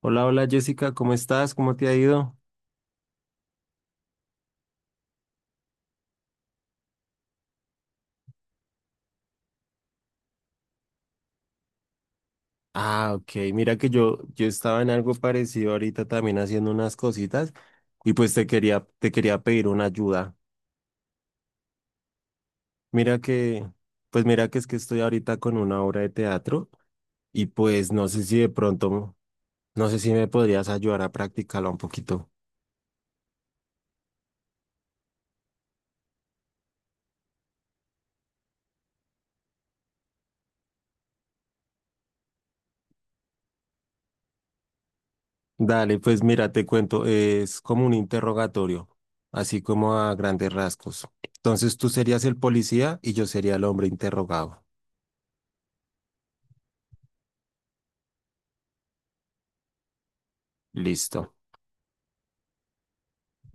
Hola, hola Jessica, ¿cómo estás? ¿Cómo te ha ido? Ah, ok, mira que yo estaba en algo parecido ahorita también haciendo unas cositas y pues te quería pedir una ayuda. Mira que, pues mira que es que estoy ahorita con una obra de teatro y pues no sé si de pronto, no sé si me podrías ayudar a practicarla un poquito. Dale, pues mira, te cuento, es como un interrogatorio, así como a grandes rasgos. Entonces tú serías el policía y yo sería el hombre interrogado. Listo.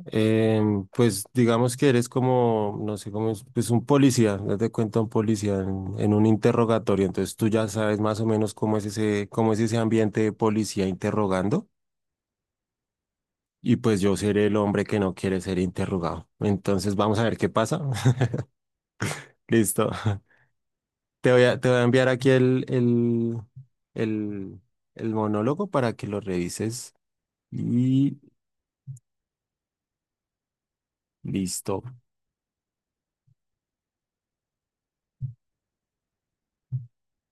Pues digamos que eres como, no sé cómo es, pues un policía, date cuenta un policía en un interrogatorio, entonces tú ya sabes más o menos cómo es ese ambiente de policía interrogando y pues yo seré el hombre que no quiere ser interrogado. Entonces vamos a ver qué pasa. Listo. Te voy a enviar aquí el, el monólogo para que lo revises y listo,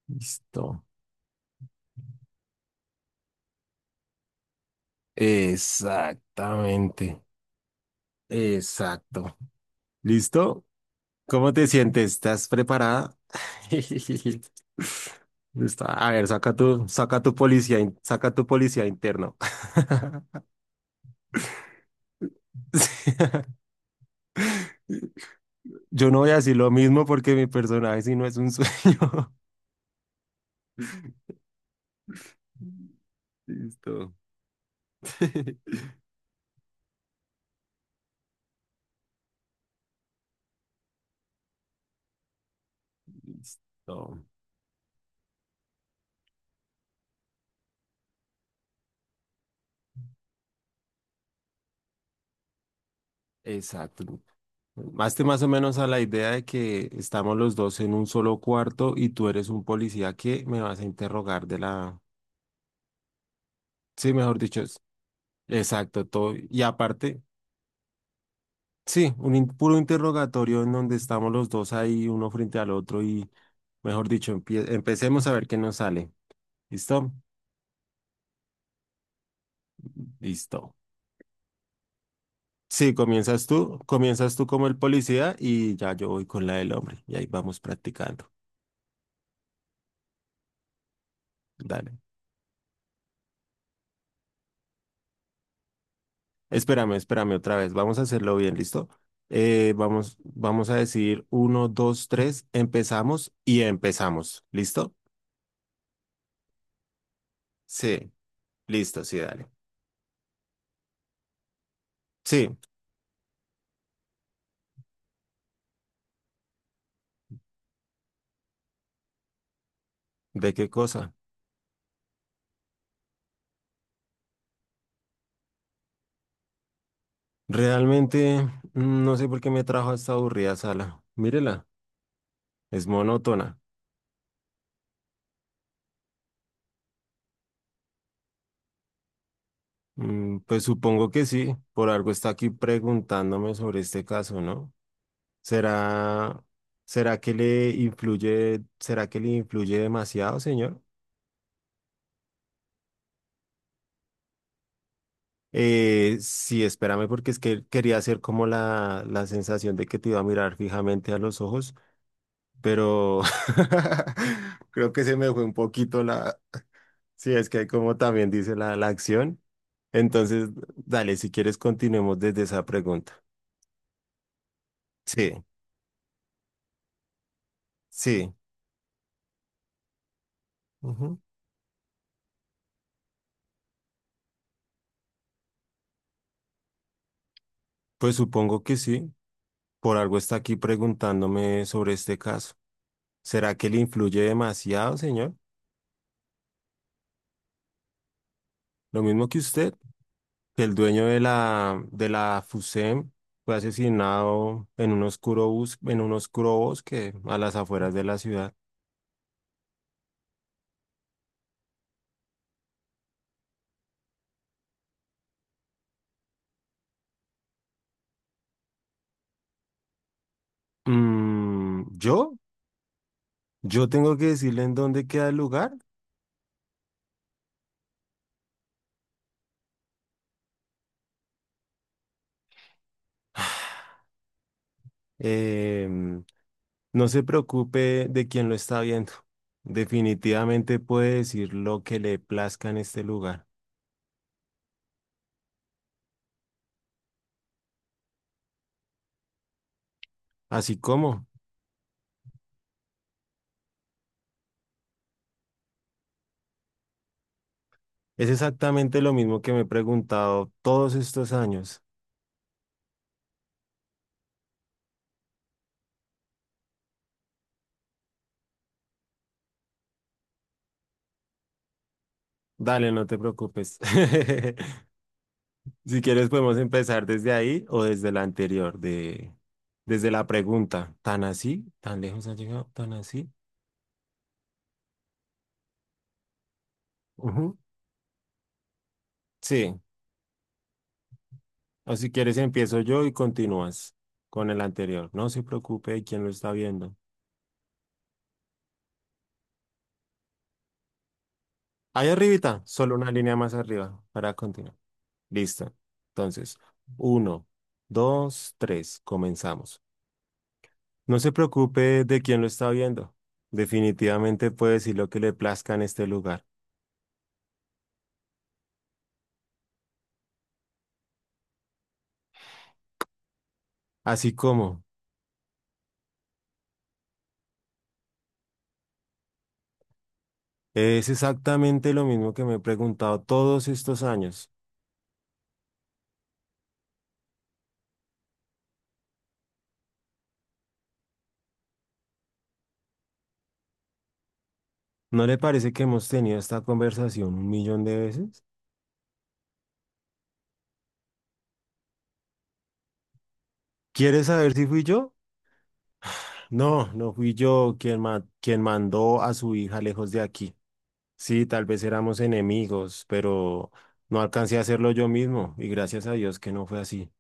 listo. Exactamente, exacto. ¿Listo? ¿Cómo te sientes? ¿Estás preparada? A ver, saca tu policía, saca tu policía interno. Sí. Yo no voy a decir lo mismo porque mi personaje si no es un sueño. Listo. Listo. Exacto. Hazte más o menos a la idea de que estamos los dos en un solo cuarto y tú eres un policía que me vas a interrogar de la... Sí, mejor dicho, exacto, todo. Y aparte, sí, un puro interrogatorio en donde estamos los dos ahí, uno frente al otro y, mejor dicho, empecemos a ver qué nos sale. ¿Listo? Listo. Sí, comienzas tú como el policía y ya yo voy con la del hombre y ahí vamos practicando. Dale. Espérame otra vez. Vamos a hacerlo bien, ¿listo? Vamos a decir uno, dos, tres, empezamos y empezamos. ¿Listo? Sí, listo, sí, dale. Sí, ¿de qué cosa? Realmente no sé por qué me trajo a esta aburrida sala. Mírela, es monótona. Pues supongo que sí, por algo está aquí preguntándome sobre este caso, ¿no? ¿Será, ¿será que le influye demasiado, señor? Sí, espérame porque es que quería hacer como la sensación de que te iba a mirar fijamente a los ojos, pero creo que se me fue un poquito la. Sí, es que como también dice la acción. Entonces, dale, si quieres, continuemos desde esa pregunta. Sí, sí, ujú. Pues supongo que sí. Por algo está aquí preguntándome sobre este caso. ¿Será que le influye demasiado, señor? Lo mismo que usted, que el dueño de la FUSEM fue asesinado en un oscuro bosque a las afueras de la ciudad. ¿Yo? ¿Yo tengo que decirle en dónde queda el lugar? Em, no se preocupe de quién lo está viendo. Definitivamente puede decir lo que le plazca en este lugar. Así como es exactamente lo mismo que me he preguntado todos estos años. Dale, no te preocupes. Si quieres podemos empezar desde ahí o desde la anterior, de, desde la pregunta. ¿Tan así? ¿Tan lejos ha llegado? ¿Tan así? Ujú. Sí. O si quieres empiezo yo y continúas con el anterior. No se preocupe de quién lo está viendo. Ahí arribita, solo una línea más arriba para continuar. Listo. Entonces, uno, dos, tres, comenzamos. No se preocupe de quién lo está viendo. Definitivamente puede decir lo que le plazca en este lugar. Así como es exactamente lo mismo que me he preguntado todos estos años. ¿No le parece que hemos tenido esta conversación un millón de veces? ¿Quiere saber si fui yo? No, no fui yo quien mandó a su hija lejos de aquí. Sí, tal vez éramos enemigos, pero no alcancé a hacerlo yo mismo y gracias a Dios que no fue así.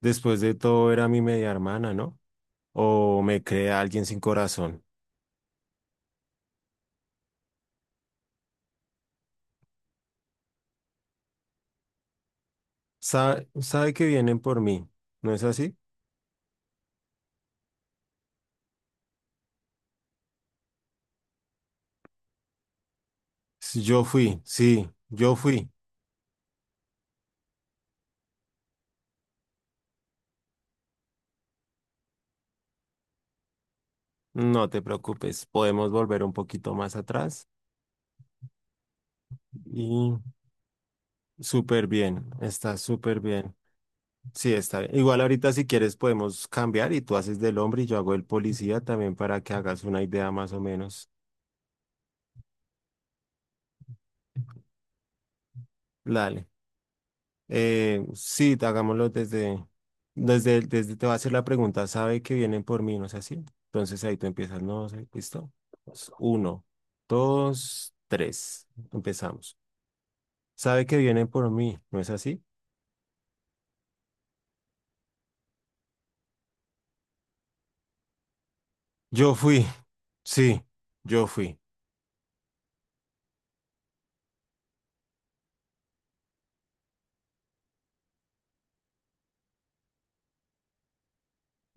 Después de todo era mi media hermana, ¿no? O me crea alguien sin corazón. Sabe que vienen por mí, ¿no es así? Yo fui, sí, yo fui. No te preocupes, podemos volver un poquito más atrás y súper bien, está súper bien. Sí, está bien. Igual ahorita si quieres podemos cambiar y tú haces del hombre y yo hago el policía también para que hagas una idea más o menos. Dale. Sí, hagámoslo desde, desde, desde, te va a hacer la pregunta, sabe que vienen por mí, ¿no es así? Entonces ahí tú empiezas, no sé, ¿listo? Pues, uno, dos, tres, empezamos. Sabe que vienen por mí, ¿no es así? Yo fui, sí, yo fui.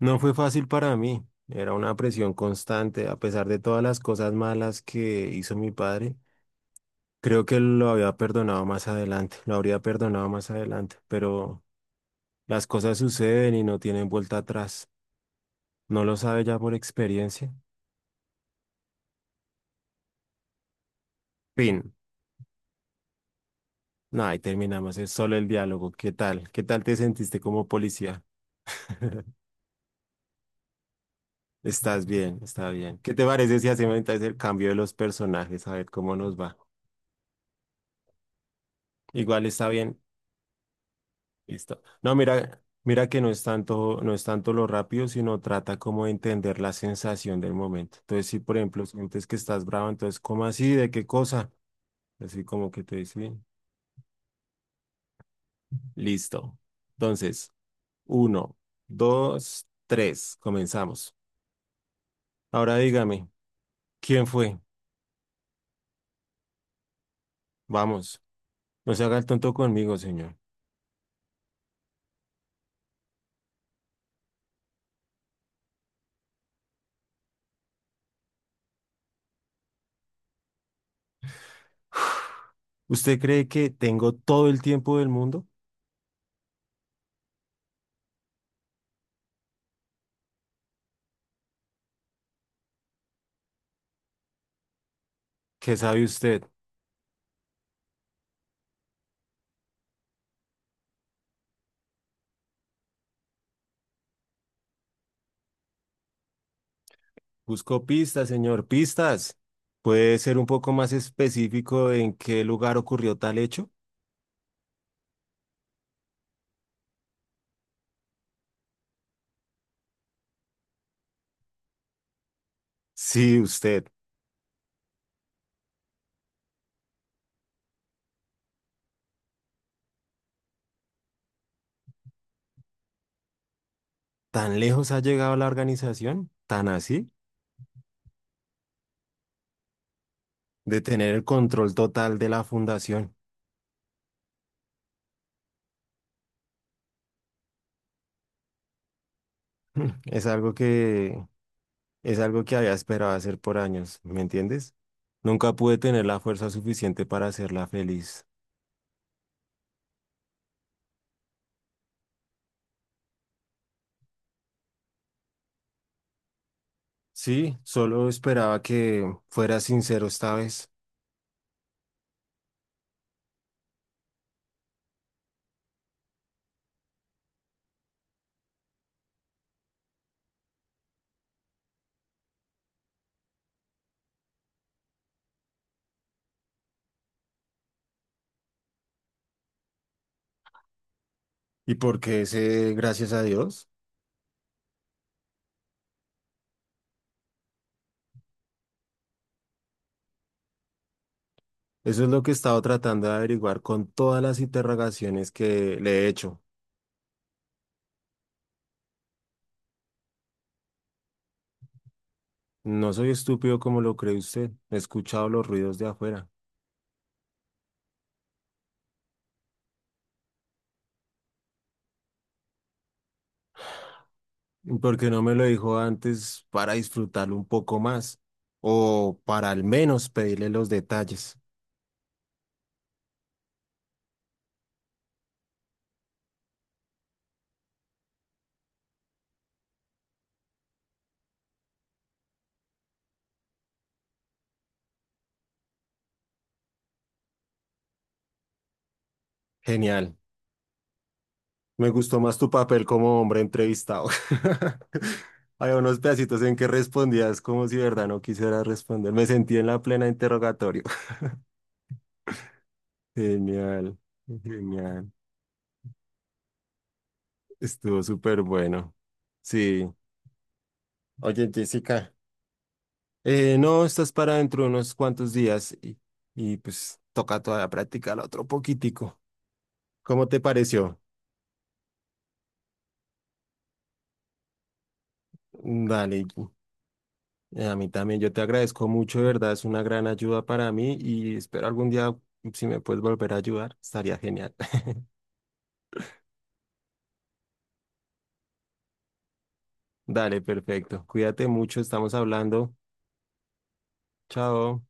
No fue fácil para mí, era una presión constante, a pesar de todas las cosas malas que hizo mi padre. Creo que lo había perdonado más adelante, lo habría perdonado más adelante, pero... Las cosas suceden y no tienen vuelta atrás. ¿No lo sabe ya por experiencia? Fin. No, ahí terminamos. Es solo el diálogo. ¿Qué tal? ¿Qué tal te sentiste como policía? Estás bien, está bien. ¿Qué te parece si hacemos entonces el cambio de los personajes? A ver cómo nos va. Igual está bien. Listo. No, mira, mira que no es tanto, no es tanto lo rápido, sino trata como de entender la sensación del momento. Entonces, si por ejemplo sientes que estás bravo, entonces, ¿cómo así? ¿De qué cosa? Así como que te dice, listo. Entonces, uno, dos, tres. Comenzamos. Ahora dígame, ¿quién fue? Vamos, no se haga el tonto conmigo, señor. ¿Usted cree que tengo todo el tiempo del mundo? ¿Qué sabe usted? Busco pistas, señor, pistas. ¿Puede ser un poco más específico en qué lugar ocurrió tal hecho? Sí, usted. ¿Tan lejos ha llegado la organización? ¿Tan así? De tener el control total de la fundación. Es algo que Es algo que había esperado hacer por años, ¿me entiendes? Nunca pude tener la fuerza suficiente para hacerla feliz. Sí, solo esperaba que fuera sincero esta vez. ¿Y por qué ese gracias a Dios? Eso es lo que he estado tratando de averiguar con todas las interrogaciones que le he hecho. No soy estúpido como lo cree usted. He escuchado los ruidos de afuera. ¿Y por qué no me lo dijo antes para disfrutarlo un poco más? O para al menos pedirle los detalles. Genial. Me gustó más tu papel como hombre entrevistado. Había unos pedacitos en que respondías como si de verdad no quisieras responder. Me sentí en la plena interrogatorio. Genial, genial. Estuvo súper bueno. Sí. Oye, Jessica, no, estás para dentro de unos cuantos días y pues toca todavía practicar otro poquitico. ¿Cómo te pareció? Dale. A mí también, yo te agradezco mucho, de verdad, es una gran ayuda para mí y espero algún día, si me puedes volver a ayudar, estaría genial. Dale, perfecto. Cuídate mucho, estamos hablando. Chao.